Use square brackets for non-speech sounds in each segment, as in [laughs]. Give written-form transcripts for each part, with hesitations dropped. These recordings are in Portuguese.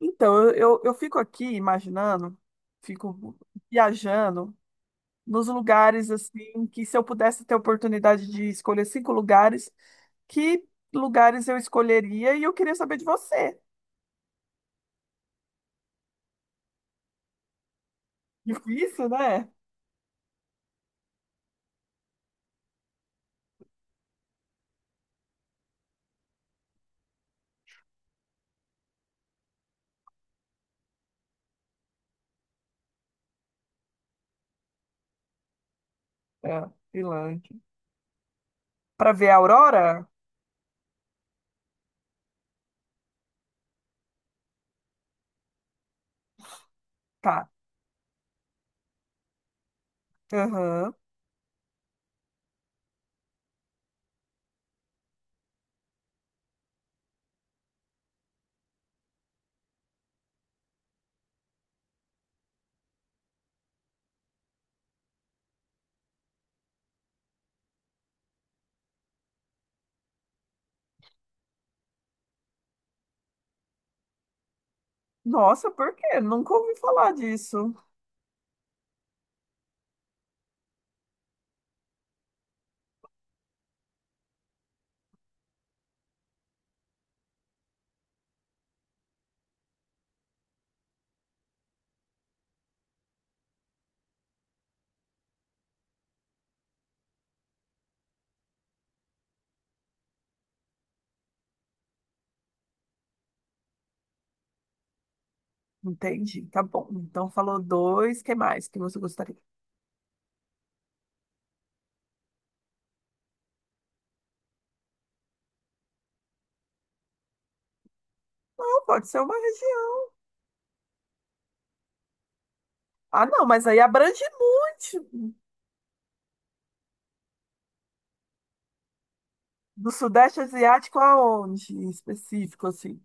Então, eu fico aqui imaginando, fico viajando nos lugares assim que se eu pudesse ter a oportunidade de escolher cinco lugares, que lugares eu escolheria? E eu queria saber de você. Difícil, né? É, Finlândia. Para ver a aurora? Tá. Aham. Nossa, por quê? Nunca ouvi falar disso. Entendi. Tá bom. Então falou dois. Que mais que você gostaria? Não, pode ser uma região. Ah, não, mas aí abrange muito. Do Sudeste Asiático aonde, em específico, assim?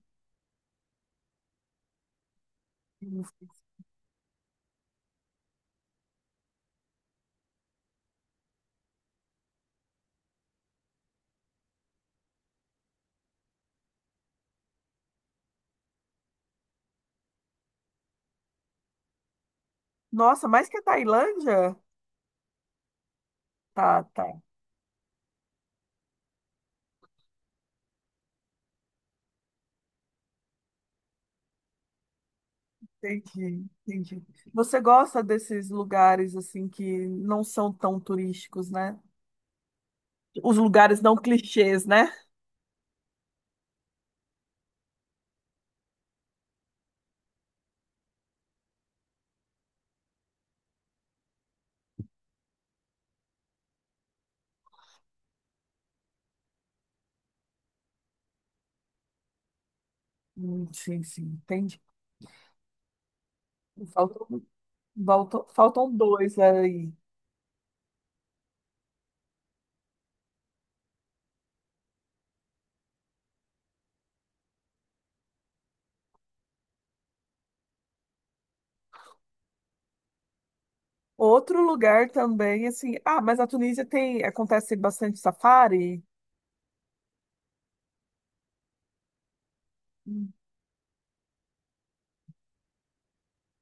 Nossa, mais que a Tailândia? Tá, tá, entendi, entendi. Você gosta desses lugares, assim, que não são tão turísticos, né? Os lugares não clichês, né? Sim, sim, entendi. Faltam, faltam dois aí. Outro lugar também, assim. Ah, mas a Tunísia tem. Acontece bastante safari? Hum.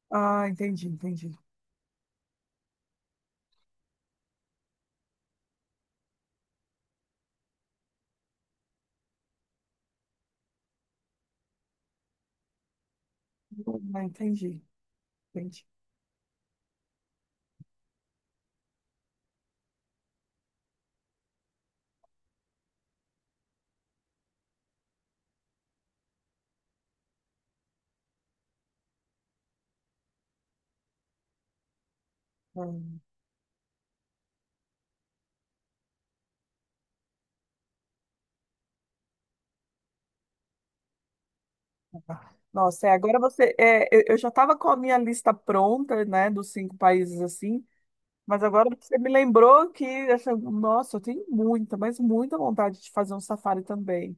Ah, entendi, entendi. Ah, entendi, entendi. Hum. Nossa, é, agora você. É, eu já estava com a minha lista pronta, né, dos cinco países assim, mas agora você me lembrou que, assim, nossa, eu tenho muita, mas muita vontade de fazer um safari também.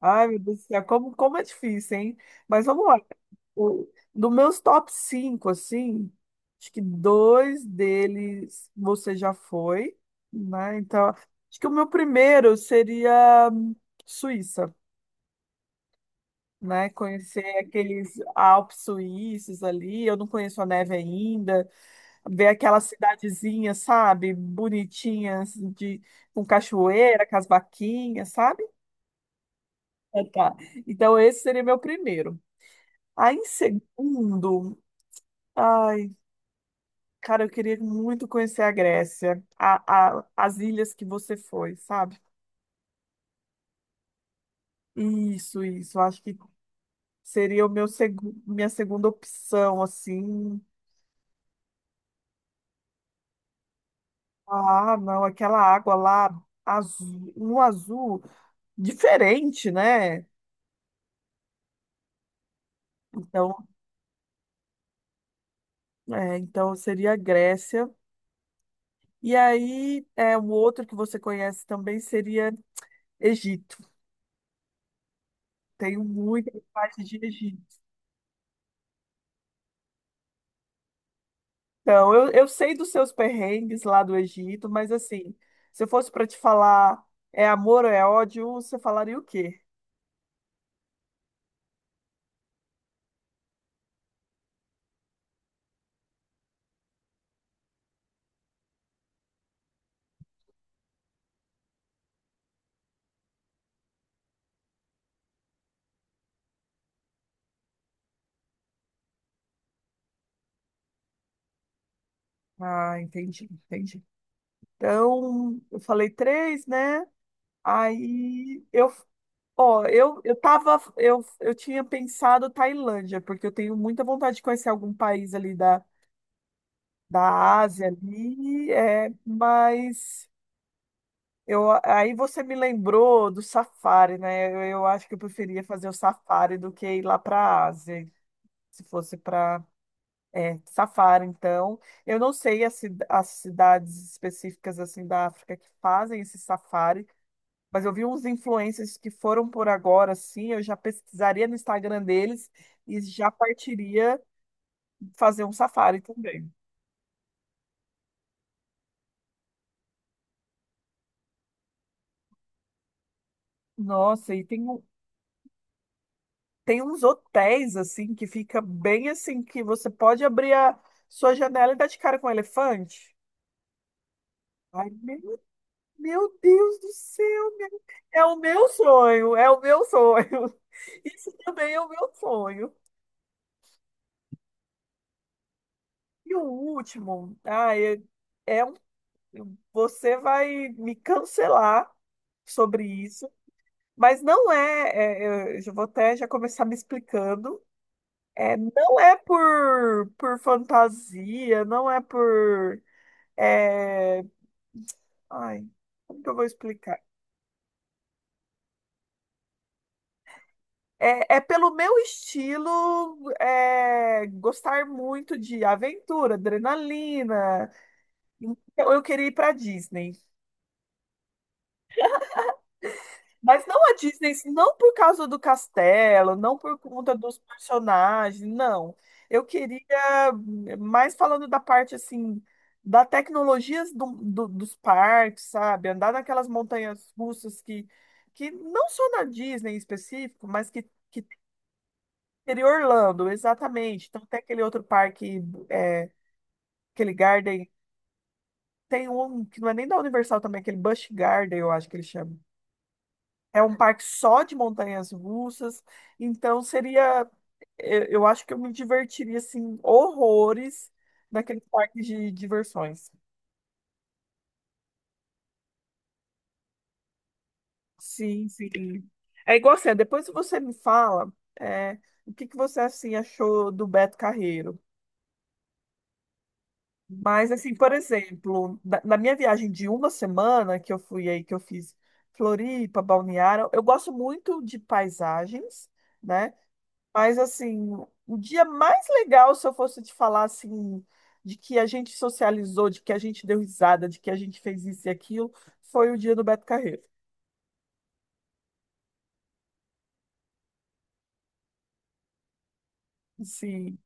Ai, meu Deus do céu, como é difícil, hein? Mas vamos lá. O, dos meus top 5, assim, acho que dois deles você já foi, né? Então, acho que o meu primeiro seria Suíça, né? Conhecer aqueles Alpes suíços ali, eu não conheço a neve ainda, ver aquelas cidadezinhas, sabe? Bonitinhas, de, com cachoeira, com as vaquinhas, sabe? É. Tá. Então, esse seria meu primeiro. Aí, em segundo, ai, cara, eu queria muito conhecer a Grécia, as ilhas que você foi, sabe? Isso, isso. Eu acho que seria o minha segunda opção, assim. Ah, não, aquela água lá, azul, um azul diferente, né? Então, é, então seria a Grécia. E aí, é, o outro que você conhece também seria Egito. Tenho muita parte de Egito. Então, eu sei dos seus perrengues lá do Egito, mas assim, se eu fosse para te falar é amor ou é ódio, você falaria o quê? Ah, entendi, entendi. Então, eu falei três, né? Aí eu, ó, eu tinha pensado Tailândia, porque eu tenho muita vontade de conhecer algum país ali da, Ásia ali, é, mas eu, aí você me lembrou do safari, né? Eu acho que eu preferia fazer o safari do que ir lá para a Ásia, se fosse para safari, então. Eu não sei as, as cidades específicas assim da África que fazem esse safari, mas eu vi uns influencers que foram por agora, assim, eu já pesquisaria no Instagram deles e já partiria fazer um safari também. Nossa, e tem um, tem uns hotéis, assim, que fica bem assim, que você pode abrir a sua janela e dar de cara com um elefante. Ai, meu Deus do céu, meu é o meu sonho, é o meu sonho. [laughs] Isso também é o meu sonho. E o último, ah é, é um, você vai me cancelar sobre isso, mas não eu já vou até já começar me explicando. É, não é por fantasia, não é por... É... Ai, como que eu vou explicar? é pelo meu estilo é, gostar muito de aventura, adrenalina. Então, eu queria ir para Disney. Mas não a Disney, não por causa do castelo, não por conta dos personagens, não. Eu queria, mais falando da parte assim, da tecnologia dos parques, sabe? Andar naquelas montanhas russas que não só na Disney em específico, mas que. Seria Orlando, exatamente. Então tem aquele outro parque, é, aquele Garden. Tem um que não é nem da Universal também, aquele Busch Garden, eu acho que ele chama. É um parque só de montanhas russas. Então seria, eu acho que eu me divertiria assim horrores naquele parque de diversões. Sim, sim. É igual assim, depois você me fala, é, o que que você assim achou do Beto Carreiro? Mas, assim, por exemplo, na minha viagem de uma semana que eu fui aí, que eu fiz Floripa, Balneário, eu gosto muito de paisagens, né? Mas, assim, o dia mais legal, se eu fosse te falar, assim, de que a gente socializou, de que a gente deu risada, de que a gente fez isso e aquilo, foi o dia do Beto Carreiro. Sim.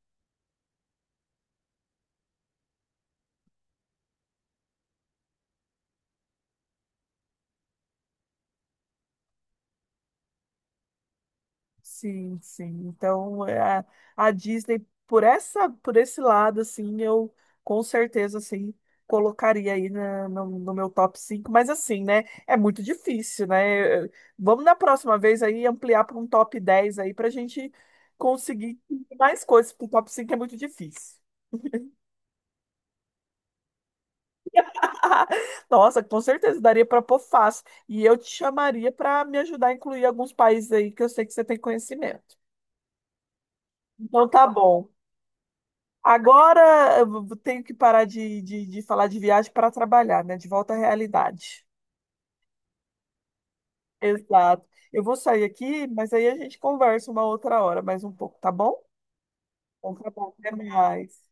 Sim, sim. Então, é, a Disney, por essa, por esse lado, assim, eu com certeza, assim, colocaria aí no meu top cinco, mas assim, né, é muito difícil, né? Eu vamos na próxima vez aí ampliar para um top 10 aí pra gente conseguir mais coisas, porque o top 5 é muito difícil. [laughs] Nossa, com certeza daria para pôr fácil. E eu te chamaria para me ajudar a incluir alguns países aí que eu sei que você tem conhecimento. Então tá bom. Agora eu tenho que parar de, falar de viagem para trabalhar, né? De volta à realidade. Exato. Eu vou sair aqui, mas aí a gente conversa uma outra hora, mais um pouco, tá bom? Então tá bom, até mais.